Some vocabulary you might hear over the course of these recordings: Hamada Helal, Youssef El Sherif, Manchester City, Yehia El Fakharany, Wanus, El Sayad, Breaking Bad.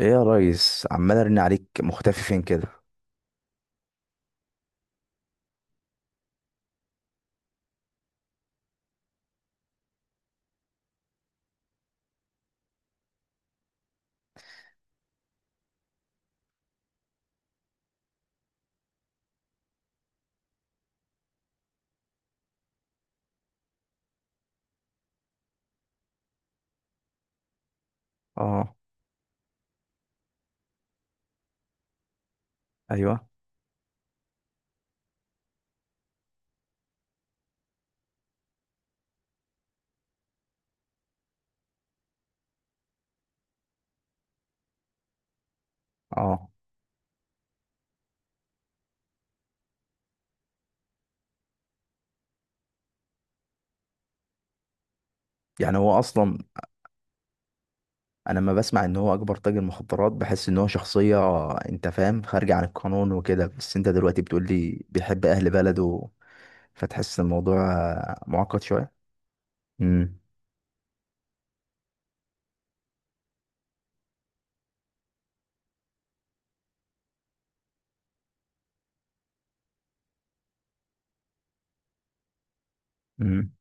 ايه يا ريس، عمال ارن عليك، مختفي فين كده؟ اه ايوه اه يعني هو اصلا انا لما بسمع ان هو اكبر تاجر مخدرات، بحس ان هو شخصية، انت فاهم، خارجة عن القانون وكده، بس انت دلوقتي بتقول لي بيحب اهل بلده، فتحس الموضوع معقد شوية. امم. امم.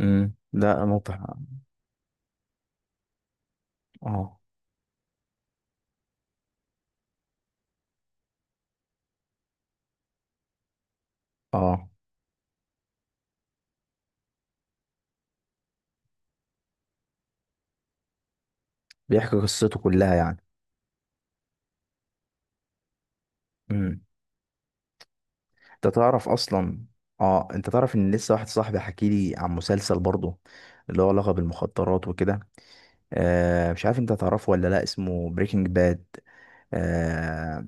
امم، لا، موضوع. اه. اه، بيحكي قصته كلها يعني. امم. انت تعرف اصلا اه، انت تعرف ان لسه واحد صاحبي حكي لي عن مسلسل برضه، اللي هو علاقة بالمخدرات وكده. آه، مش عارف انت تعرفه ولا لا، اسمه بريكنج باد. آه.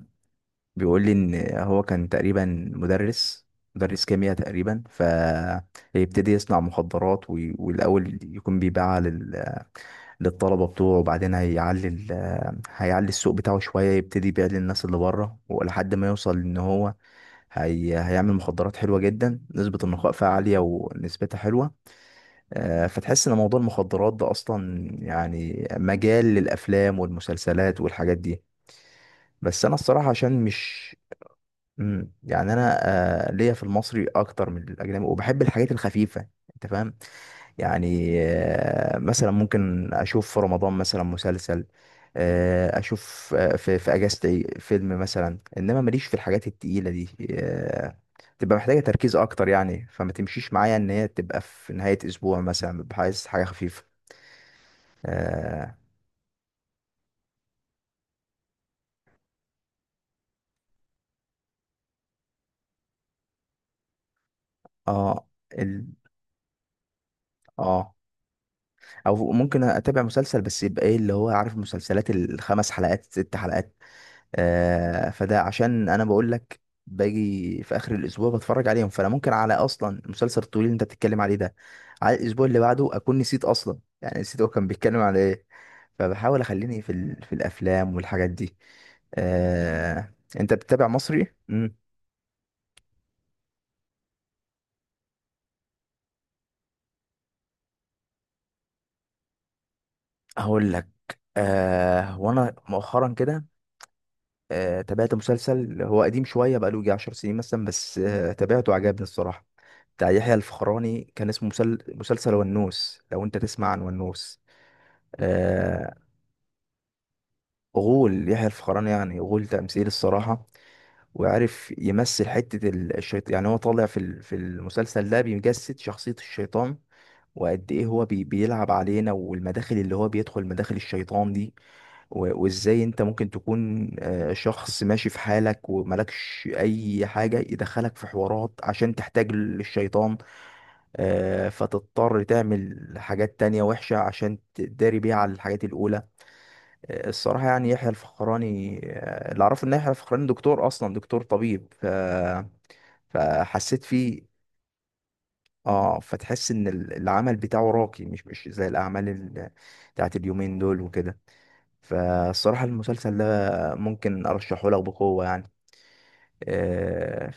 بيقول لي ان هو كان تقريبا مدرس، مدرس كيمياء تقريبا، فيبتدي يصنع مخدرات والاول يكون بيبيعها للطلبه بتوعه، وبعدين هيعلي ال- آه، هيعلي السوق بتاعه شويه، يبتدي يبيع للناس اللي بره ولحد ما يوصل ان هو هيعمل مخدرات حلوه جدا، نسبه النقاء فيها عاليه ونسبتها حلوه. فتحس ان موضوع المخدرات ده اصلا يعني مجال للافلام والمسلسلات والحاجات دي، بس انا الصراحه عشان مش... يعني انا ليا في المصري اكتر من الاجنبي، وبحب الحاجات الخفيفه، انت فاهم؟ يعني مثلا ممكن اشوف في رمضان مثلا مسلسل، اشوف في اجازتي فيلم مثلا، انما ماليش في الحاجات التقيله دي. تبقى محتاجه تركيز اكتر يعني، فما تمشيش معايا ان هي تبقى في نهايه اسبوع مثلا، ببقى عايز حاجه خفيفه. اه. اه. ال... اه. او ممكن اتابع مسلسل بس يبقى ايه، اللي هو عارف، المسلسلات الخمس حلقات، ست حلقات. فده عشان انا بقول لك باجي في اخر الاسبوع بتفرج عليهم، فانا ممكن على اصلا المسلسل الطويل اللي انت بتتكلم عليه ده، على الاسبوع اللي بعده اكون نسيت اصلا، يعني نسيت هو كان بيتكلم على ايه، فبحاول اخليني في الافلام والحاجات دي. آه. انت بتتابع مصري؟ امم. هقول لك. آه، وانا مؤخرا كده تابعت مسلسل، هو قديم شوية، بقاله يجي عشر سنين مثلا، بس تابعته، عجبني الصراحة، بتاع يحيى الفخراني، كان اسمه مسلسل ونوس، لو انت تسمع عن ونوس. آه، غول يحيى الفخراني، يعني غول تمثيل الصراحة، وعارف يمثل حتة الشيطان. يعني هو طالع في في المسلسل ده بيجسد شخصية الشيطان، وقد ايه هو بيلعب علينا، والمداخل اللي هو بيدخل، مداخل الشيطان دي، وازاي انت ممكن تكون شخص ماشي في حالك وملكش اي حاجة يدخلك في حوارات عشان تحتاج للشيطان. فتضطر تعمل حاجات تانية وحشة عشان تداري بيها على الحاجات الأولى. الصراحة يعني يحيى الفخراني، اللي أعرفه إن يحيى الفخراني دكتور أصلا، دكتور طبيب، فحسيت فيه. اه، فتحس إن العمل بتاعه راقي، مش زي الأعمال بتاعت اليومين دول وكده، فالصراحة المسلسل ده ممكن أرشحه لك بقوة يعني. اه.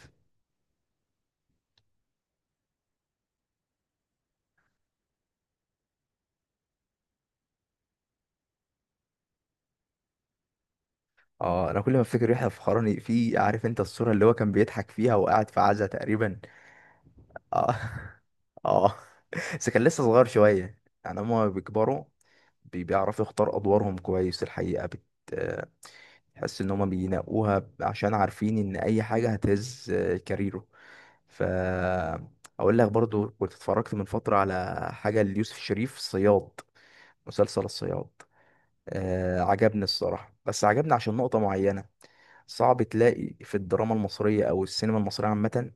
أنا كل ما أفتكر يحيى الفخراني، في عارف أنت الصورة اللي هو كان بيضحك فيها وقاعد في عزا تقريبا. اه. اه. بس كان لسه صغير شوية، يعني هما بيكبروا، بيعرفوا يختار ادوارهم كويس الحقيقه، بت آه، تحس ان هما بينقوها عشان عارفين ان اي حاجه هتهز كاريره. ف اقول لك برضو، كنت اتفرجت من فتره على حاجه ليوسف شريف، صياد، مسلسل الصياد. آه، عجبني الصراحه، بس عجبني عشان نقطه معينه. صعب تلاقي في الدراما المصريه او السينما المصريه عامه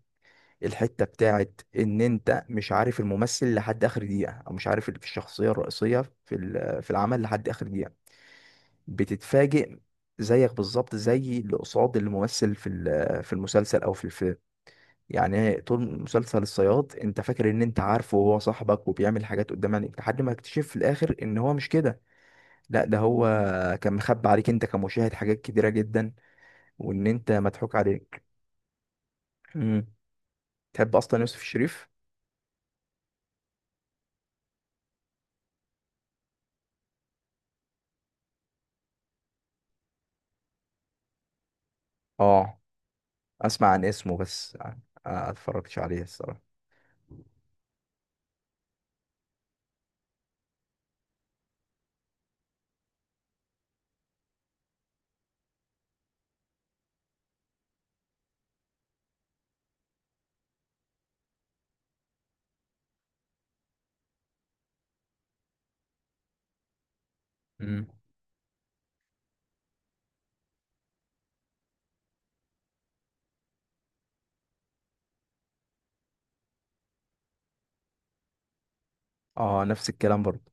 الحته بتاعت ان انت مش عارف الممثل لحد اخر دقيقه، او مش عارف الشخصيه الرئيسيه في في العمل لحد اخر دقيقه، بتتفاجئ زيك بالظبط زي اللي قصاد الممثل في في المسلسل او في الفيلم. يعني طول مسلسل الصياد انت فاكر ان انت عارفه، وهو صاحبك، وبيعمل حاجات قدام عينيك، لحد ما اكتشف في الاخر ان هو مش كده، لا ده هو كان مخبي عليك انت كمشاهد حاجات كتيرة جدا، وان انت مضحوك عليك. مم. تحب اصلا يوسف الشريف؟ اه، اسمع عن اسمه بس. آه، اتفرجتش عليه الصراحة. مم. اه، نفس الكلام برضه.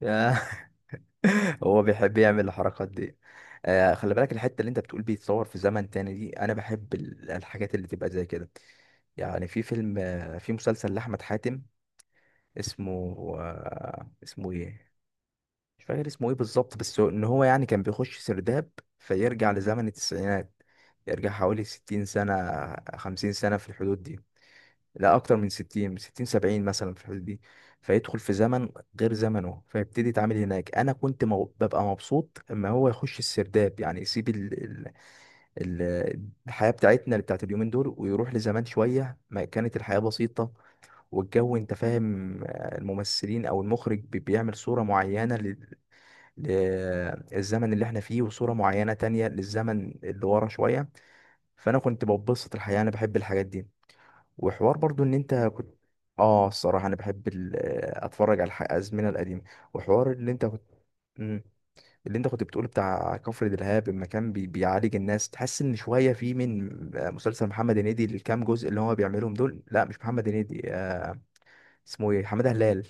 هو بيحب يعمل الحركات دي. آه، خلي بالك الحته اللي انت بتقول بيتصور في زمن تاني دي، انا بحب الحاجات اللي تبقى زي كده. يعني في فيلم، في مسلسل لاحمد حاتم، اسمه اسمه ايه، مش فاكر اسمه ايه بالظبط، بس ان هو يعني كان بيخش سرداب فيرجع لزمن التسعينات، يرجع حوالي 60 سنه، 50 سنه، في الحدود دي. لا اكتر من 60، 60، 70 مثلا، في الحدود دي. فيدخل في زمن غير زمنه، فيبتدي يتعامل هناك. انا كنت ببقى مبسوط اما هو يخش السرداب، يعني يسيب ال- الحياة بتاعتنا اللي بتاعت اليومين دول، ويروح لزمان شوية ما كانت الحياة بسيطة، والجو انت فاهم. الممثلين او المخرج بيعمل صورة معينة للزمن اللي احنا فيه، وصورة معينة تانية للزمن اللي ورا شوية. فانا كنت ببسط الحياة، انا بحب الحاجات دي. وحوار برضو ان انت كنت... اه، الصراحه انا بحب ال... آه، اتفرج على الازمنه القديمه. وحوار اللي انت كنت... مم. اللي انت كنت بتقول بتاع كفر دلهاب، لما كان بيعالج الناس، تحس ان شويه في من مسلسل محمد هنيدي، الكام جزء اللي هو بيعملهم دول. لا مش محمد هنيدي، اسمه ايه، حماده هلال.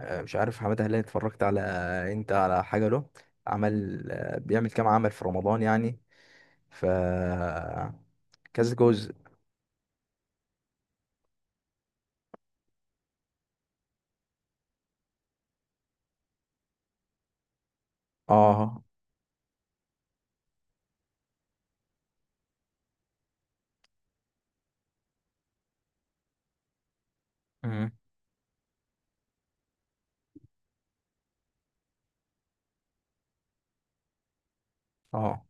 مش عارف حماده هلال اتفرجت على انت على حاجه له؟ عمل بيعمل كام عمل في رمضان يعني، ف كذا جزء. اه. مم. اه.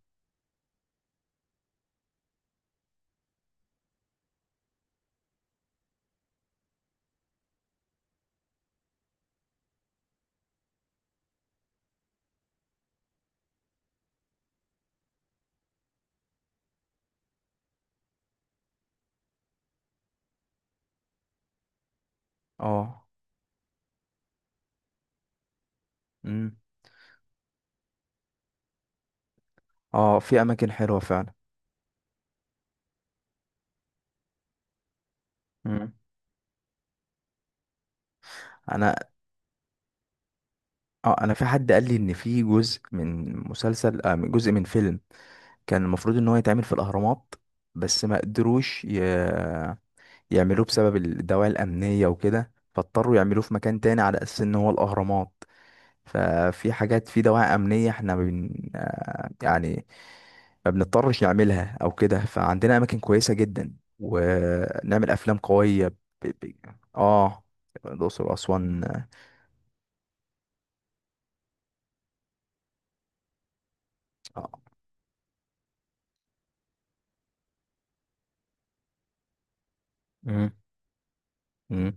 اه. مم. اه، في اماكن حلوه فعلا. مم. انا... اه، انا في حد قال لي ان في جزء من مسلسل، من جزء من فيلم، كان المفروض ان هو يتعمل في الاهرامات، بس ما قدروش يعملوه بسبب الدواعي الامنيه وكده، فاضطروا يعملوه في مكان تاني على اساس ان هو الاهرامات. ففي حاجات في دواعي امنيه، احنا بن... آه يعني ما بنضطرش نعملها او كده. فعندنا اماكن كويسه جدا، ونعمل افلام قويه ب... اه، الاقصر واسوان. مم. مم.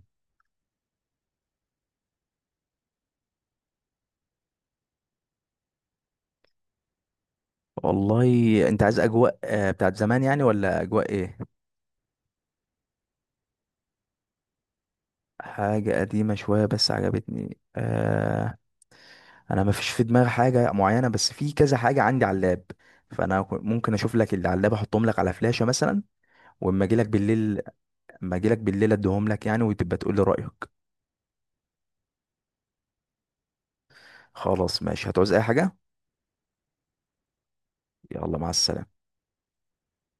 والله. انت عايز اجواء بتاعت زمان يعني، ولا اجواء ايه؟ حاجة قديمة شوية بس عجبتني. انا ما فيش في دماغي حاجة معينة، بس في كذا حاجة عندي على اللاب، فانا ممكن اشوف لك اللي على اللاب، احطهم لك على فلاشة مثلا، واما اجي لك بالليل، اديهم لك يعني، وتبقى تقول لي رأيك. خلاص ماشي، هتعوز اي حاجة؟ يلا مع السلامة.